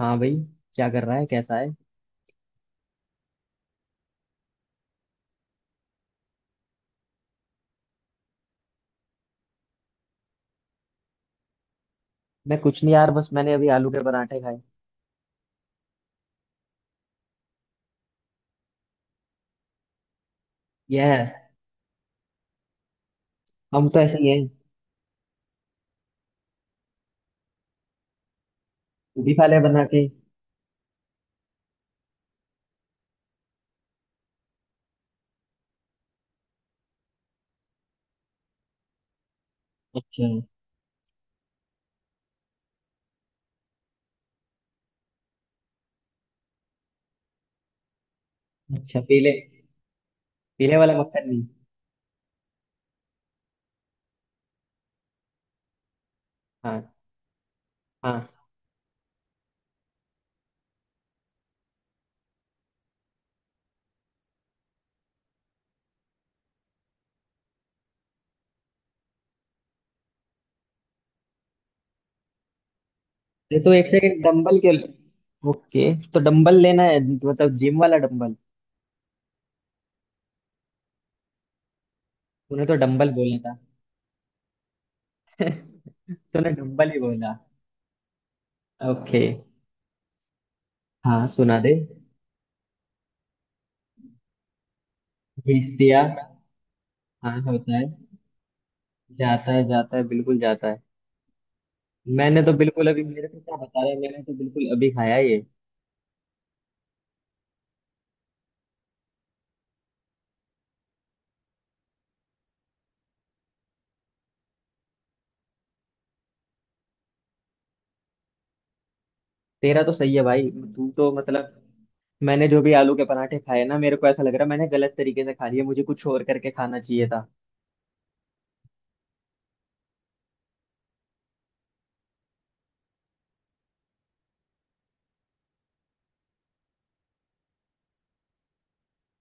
हाँ भाई, क्या कर रहा है? कैसा है? मैं कुछ नहीं यार, बस मैंने अभी आलू के पराठे खाए। यस। हम तो ऐसे ही हैं। तू भी खा ले बना के। अच्छा, अच्छा पीले। पीले वाला मक्खन नहीं? हाँ। हाँ ये तो एक सेकंड। डंबल के? ओके, तो डंबल लेना है? मतलब जिम वाला डंबल? तूने तो डंबल बोला था। तूने डंबल ही बोला। ओके। हाँ, सुना दे। घिस दिया। हाँ, होता है। जाता है, जाता है, बिल्कुल जाता है। मैंने तो बिल्कुल अभी, मेरे को क्या बता रहा है, मैंने तो बिल्कुल अभी खाया है ये। तेरा तो सही है भाई। तू तो मतलब, मैंने जो भी आलू के पराठे खाए ना, मेरे को ऐसा लग रहा है मैंने गलत तरीके से खा लिए। मुझे कुछ और करके खाना चाहिए था।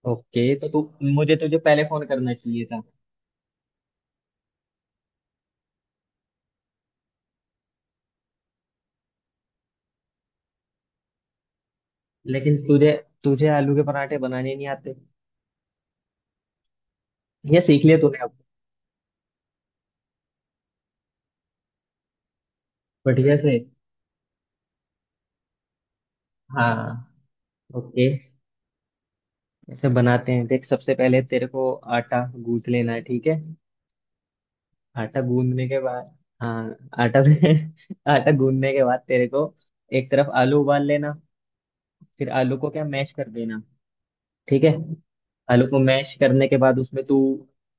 ओके, तो तू, मुझे तुझे पहले फोन करना चाहिए था। लेकिन तुझे तुझे आलू के पराठे बनाने नहीं आते। ये सीख लिए तूने अब? बढ़िया से। हाँ। ओके, ऐसे बनाते हैं देख। सबसे पहले तेरे को आटा गूंथ लेना है, ठीक है? आटा गूंदने के बाद, हाँ, आटा से आटा गूंदने के बाद तेरे को एक तरफ आलू उबाल लेना। फिर आलू को क्या, मैश कर देना, ठीक है। आलू को मैश करने के बाद उसमें तू,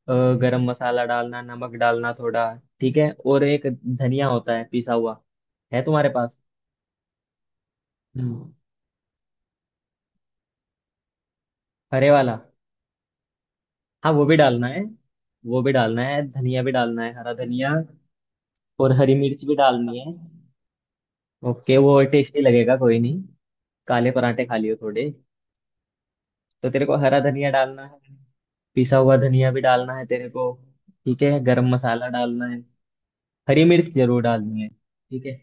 अ, गरम मसाला डालना, नमक डालना थोड़ा। ठीक है, और एक धनिया होता है पिसा हुआ, है तुम्हारे पास? हम्म, हरे वाला। हाँ वो भी डालना है, वो भी डालना है, धनिया भी डालना है, हरा धनिया। और हरी मिर्च भी डालनी है। ओके वो और टेस्टी लगेगा, कोई नहीं। काले पराठे खा लियो थोड़े। तो तेरे को हरा धनिया डालना है। पिसा हुआ धनिया भी डालना है तेरे को। ठीक है, गरम मसाला डालना है। हरी मिर्च जरूर डालनी है, ठीक है?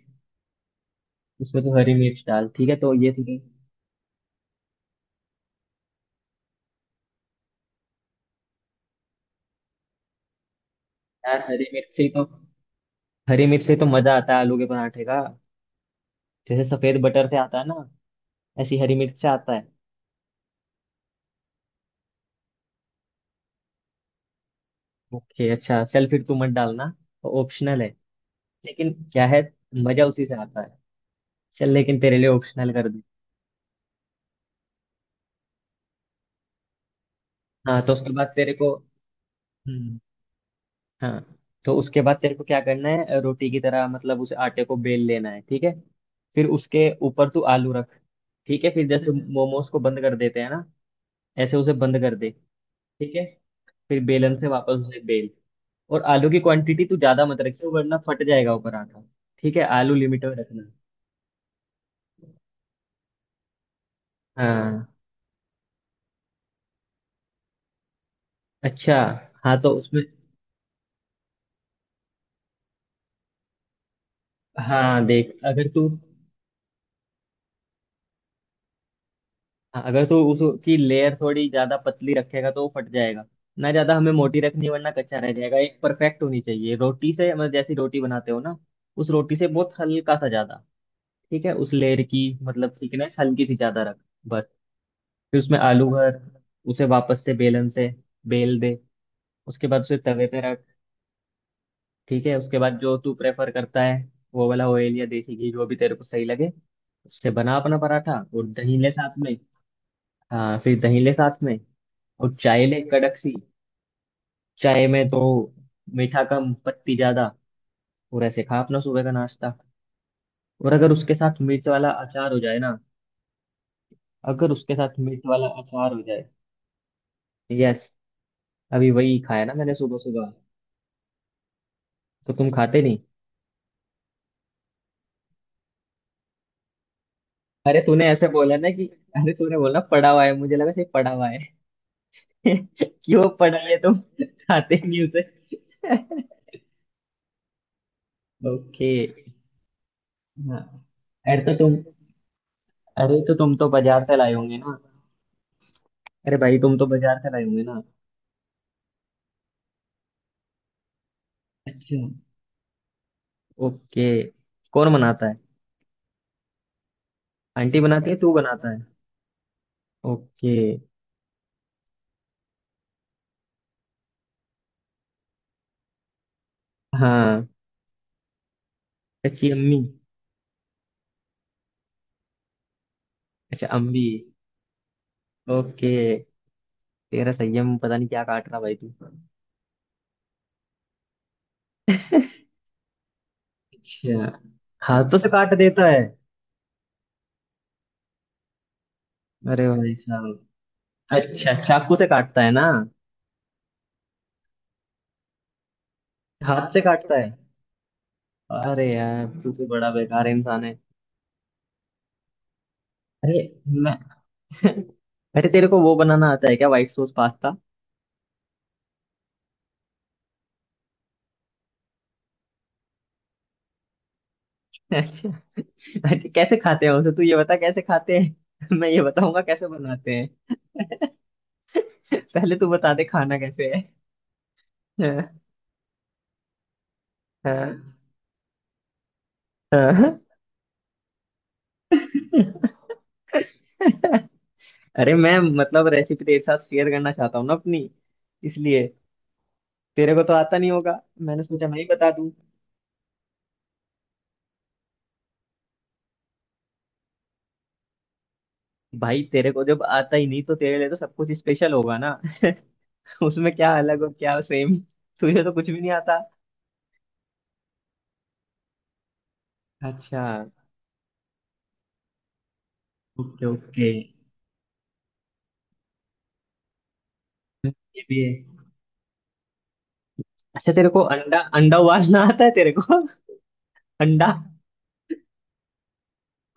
उसमें तो हरी मिर्च डाल, ठीक है, तो ये ठीक है। यार हरी मिर्च से ही तो हरी मिर्च से ही तो मजा आता है आलू के पराठे का। जैसे सफेद बटर से आता है ना, ऐसी हरी मिर्च से आता है। ओके, अच्छा चल फिर तू मत डालना, ऑप्शनल है। लेकिन क्या है, मजा उसी से आता है। चल, लेकिन तेरे लिए ऑप्शनल कर दूं। हाँ तो उसके बाद तेरे को, हम्म, हाँ तो उसके बाद तेरे को क्या करना है, रोटी की तरह मतलब उस आटे को बेल लेना है, ठीक है। फिर उसके ऊपर तू आलू रख, ठीक है। फिर जैसे मोमोज को बंद कर देते हैं ना, ऐसे उसे बंद कर दे। ठीक है, फिर बेलन से वापस उसे बेल। और आलू की क्वांटिटी तू ज्यादा मत रखियो, वरना फट जाएगा ऊपर आटा। ठीक है, आलू लिमिट में रखना। हाँ। अच्छा। हाँ तो उसमें, हाँ देख अगर तू हाँ, अगर तू उसकी लेयर थोड़ी ज्यादा पतली रखेगा तो वो फट जाएगा। ना ज्यादा हमें मोटी रखनी है, वरना कच्चा रह जाएगा। एक परफेक्ट होनी चाहिए रोटी से, मतलब जैसी रोटी बनाते हो ना, उस रोटी से बहुत हल्का सा ज्यादा। ठीक है, उस लेयर की मतलब थिकनेस हल्की सी ज्यादा रख, बस। फिर उसमें आलू भर, उसे वापस से बेलन से बेल दे। उसके बाद उसे तवे पे रख, ठीक है। उसके बाद जो तू प्रेफर करता है, वो वाला ऑयल या देसी घी जो भी तेरे को सही लगे, उससे बना अपना पराठा, और दही ले साथ में। हाँ फिर दही ले साथ में। और चाय ले कड़क सी, चाय में तो मीठा कम पत्ती ज्यादा। और ऐसे खा अपना सुबह का नाश्ता। और अगर उसके साथ मिर्च वाला अचार हो जाए ना अगर उसके साथ मिर्च वाला अचार हो जाए। यस। अभी वही खाया ना मैंने सुबह सुबह। तो तुम खाते नहीं? अरे तूने ऐसे बोला ना कि, अरे तूने बोला पड़ा हुआ है, मुझे लगा सही पड़ा हुआ है। क्यों पढ़ लिए? तुम चाहते नहीं उसे? ओके। हाँ। अरे तो तुम अरे तो तुम तो बाजार से लाए होंगे ना? अरे भाई तुम तो बाजार से लाए होंगे ना? अच्छा। ओके। कौन बनाता है? आंटी बनाती है? तू बनाता है? ओके। हाँ, कच्ची अम्मी। अच्छा, अम्मी। ओके। तेरा संयम पता नहीं क्या काट रहा भाई तू। अच्छा, हाथों से काट देता है। अरे भाई साहब। अच्छा, चाकू से काटता है ना? हाथ से काटता है? अरे यार तू तो बड़ा बेकार इंसान है। अरे, मैं अरे तेरे को वो बनाना आता है क्या, व्हाइट सॉस पास्ता? अच्छा। अच्छा, कैसे खाते हैं उसे तू ये बता, कैसे खाते हैं? मैं ये बताऊंगा कैसे बनाते हैं। पहले तू बता दे खाना कैसे है। हाँ, हाँ, हाँ। अरे मैं मतलब रेसिपी तेरे साथ शेयर करना चाहता हूँ ना अपनी, इसलिए। तेरे को तो आता नहीं होगा, मैंने सोचा मैं ही बता दूं। भाई तेरे को जब आता ही नहीं तो तेरे लिए तो सब कुछ स्पेशल होगा ना। उसमें क्या अलग और क्या सेम। तुझे तो कुछ भी नहीं आता। अच्छा। Okay, okay. ये भी है। अच्छा तेरे को अंडा, अंडा उबालना आता है तेरे को? अंडा।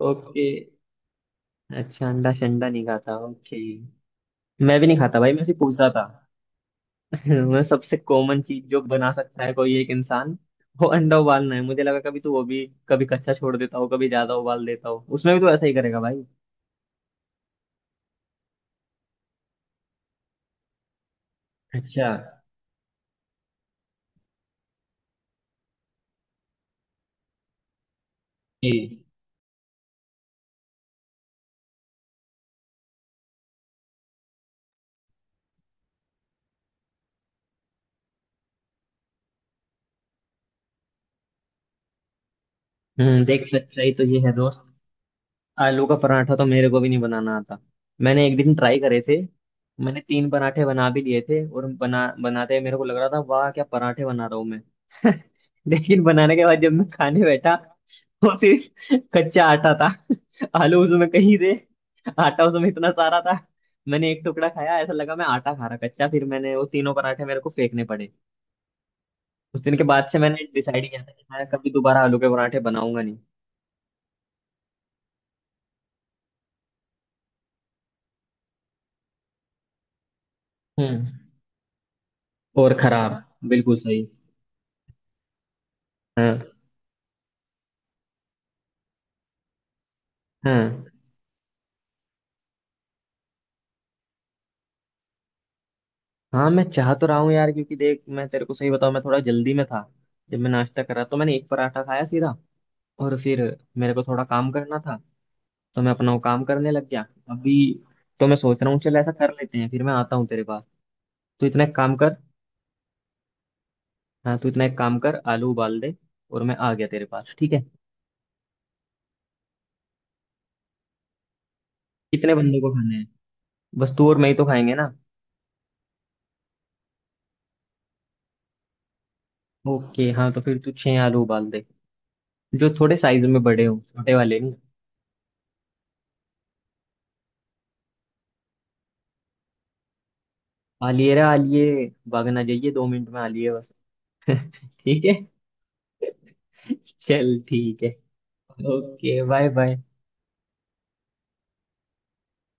ओके। अच्छा, अंडा शंडा नहीं खाता, ओके। मैं भी नहीं खाता भाई, मैं सिर्फ पूछ रहा था। मैं, सबसे कॉमन चीज जो बना सकता है कोई एक इंसान, वो अंडा उबालना है। मुझे लगा कभी तो वो भी, कभी कच्चा छोड़ देता हो कभी ज्यादा उबाल देता हो, उसमें भी तो ऐसा ही करेगा भाई। अच्छा, ये हम्म, देख सच्चाई तो ये है दोस्त, आलू का पराठा तो मेरे को भी नहीं बनाना आता। मैंने एक दिन ट्राई करे थे। मैंने तीन पराठे बना भी लिए थे, और बना बनाते मेरे को लग रहा था वाह क्या पराठे बना रहा हूँ मैं। लेकिन बनाने के बाद जब मैं खाने बैठा, वो सिर्फ कच्चा आटा था। आलू उसमें कहीं थे, आटा उसमें इतना सारा था। मैंने एक टुकड़ा खाया, ऐसा लगा मैं आटा खा रहा कच्चा। फिर मैंने वो तीनों पराठे मेरे को फेंकने पड़े। उस दिन के बाद से मैंने डिसाइड किया था कि मैं कभी दोबारा आलू के पराठे बनाऊंगा नहीं। हम्म। और खराब। बिल्कुल सही। हाँ। हाँ, हाँ मैं चाह तो रहा हूँ यार, क्योंकि देख मैं तेरे को सही बताऊँ मैं थोड़ा जल्दी में था। जब मैं नाश्ता कर रहा तो मैंने एक पराठा खाया सीधा, और फिर मेरे को थोड़ा काम करना था, तो मैं अपना वो काम करने लग गया। अभी तो मैं सोच रहा हूँ चल ऐसा कर लेते हैं, फिर मैं आता हूँ तेरे पास। तू इतना एक काम कर, हाँ तू इतना एक काम कर, आलू उबाल दे, और मैं आ गया तेरे पास, ठीक है। कितने बंदों को खाने हैं? बस तू और मैं ही तो खाएंगे ना। ओके हाँ तो फिर तू छह आलू उबाल दे, जो थोड़े साइज में बड़े हो, छोटे वाले नहीं। आलिए रे आलिए, भागना जाइए, 2 मिनट में आलिए बस। ठीक है, चल ठीक है। Okay, bye bye.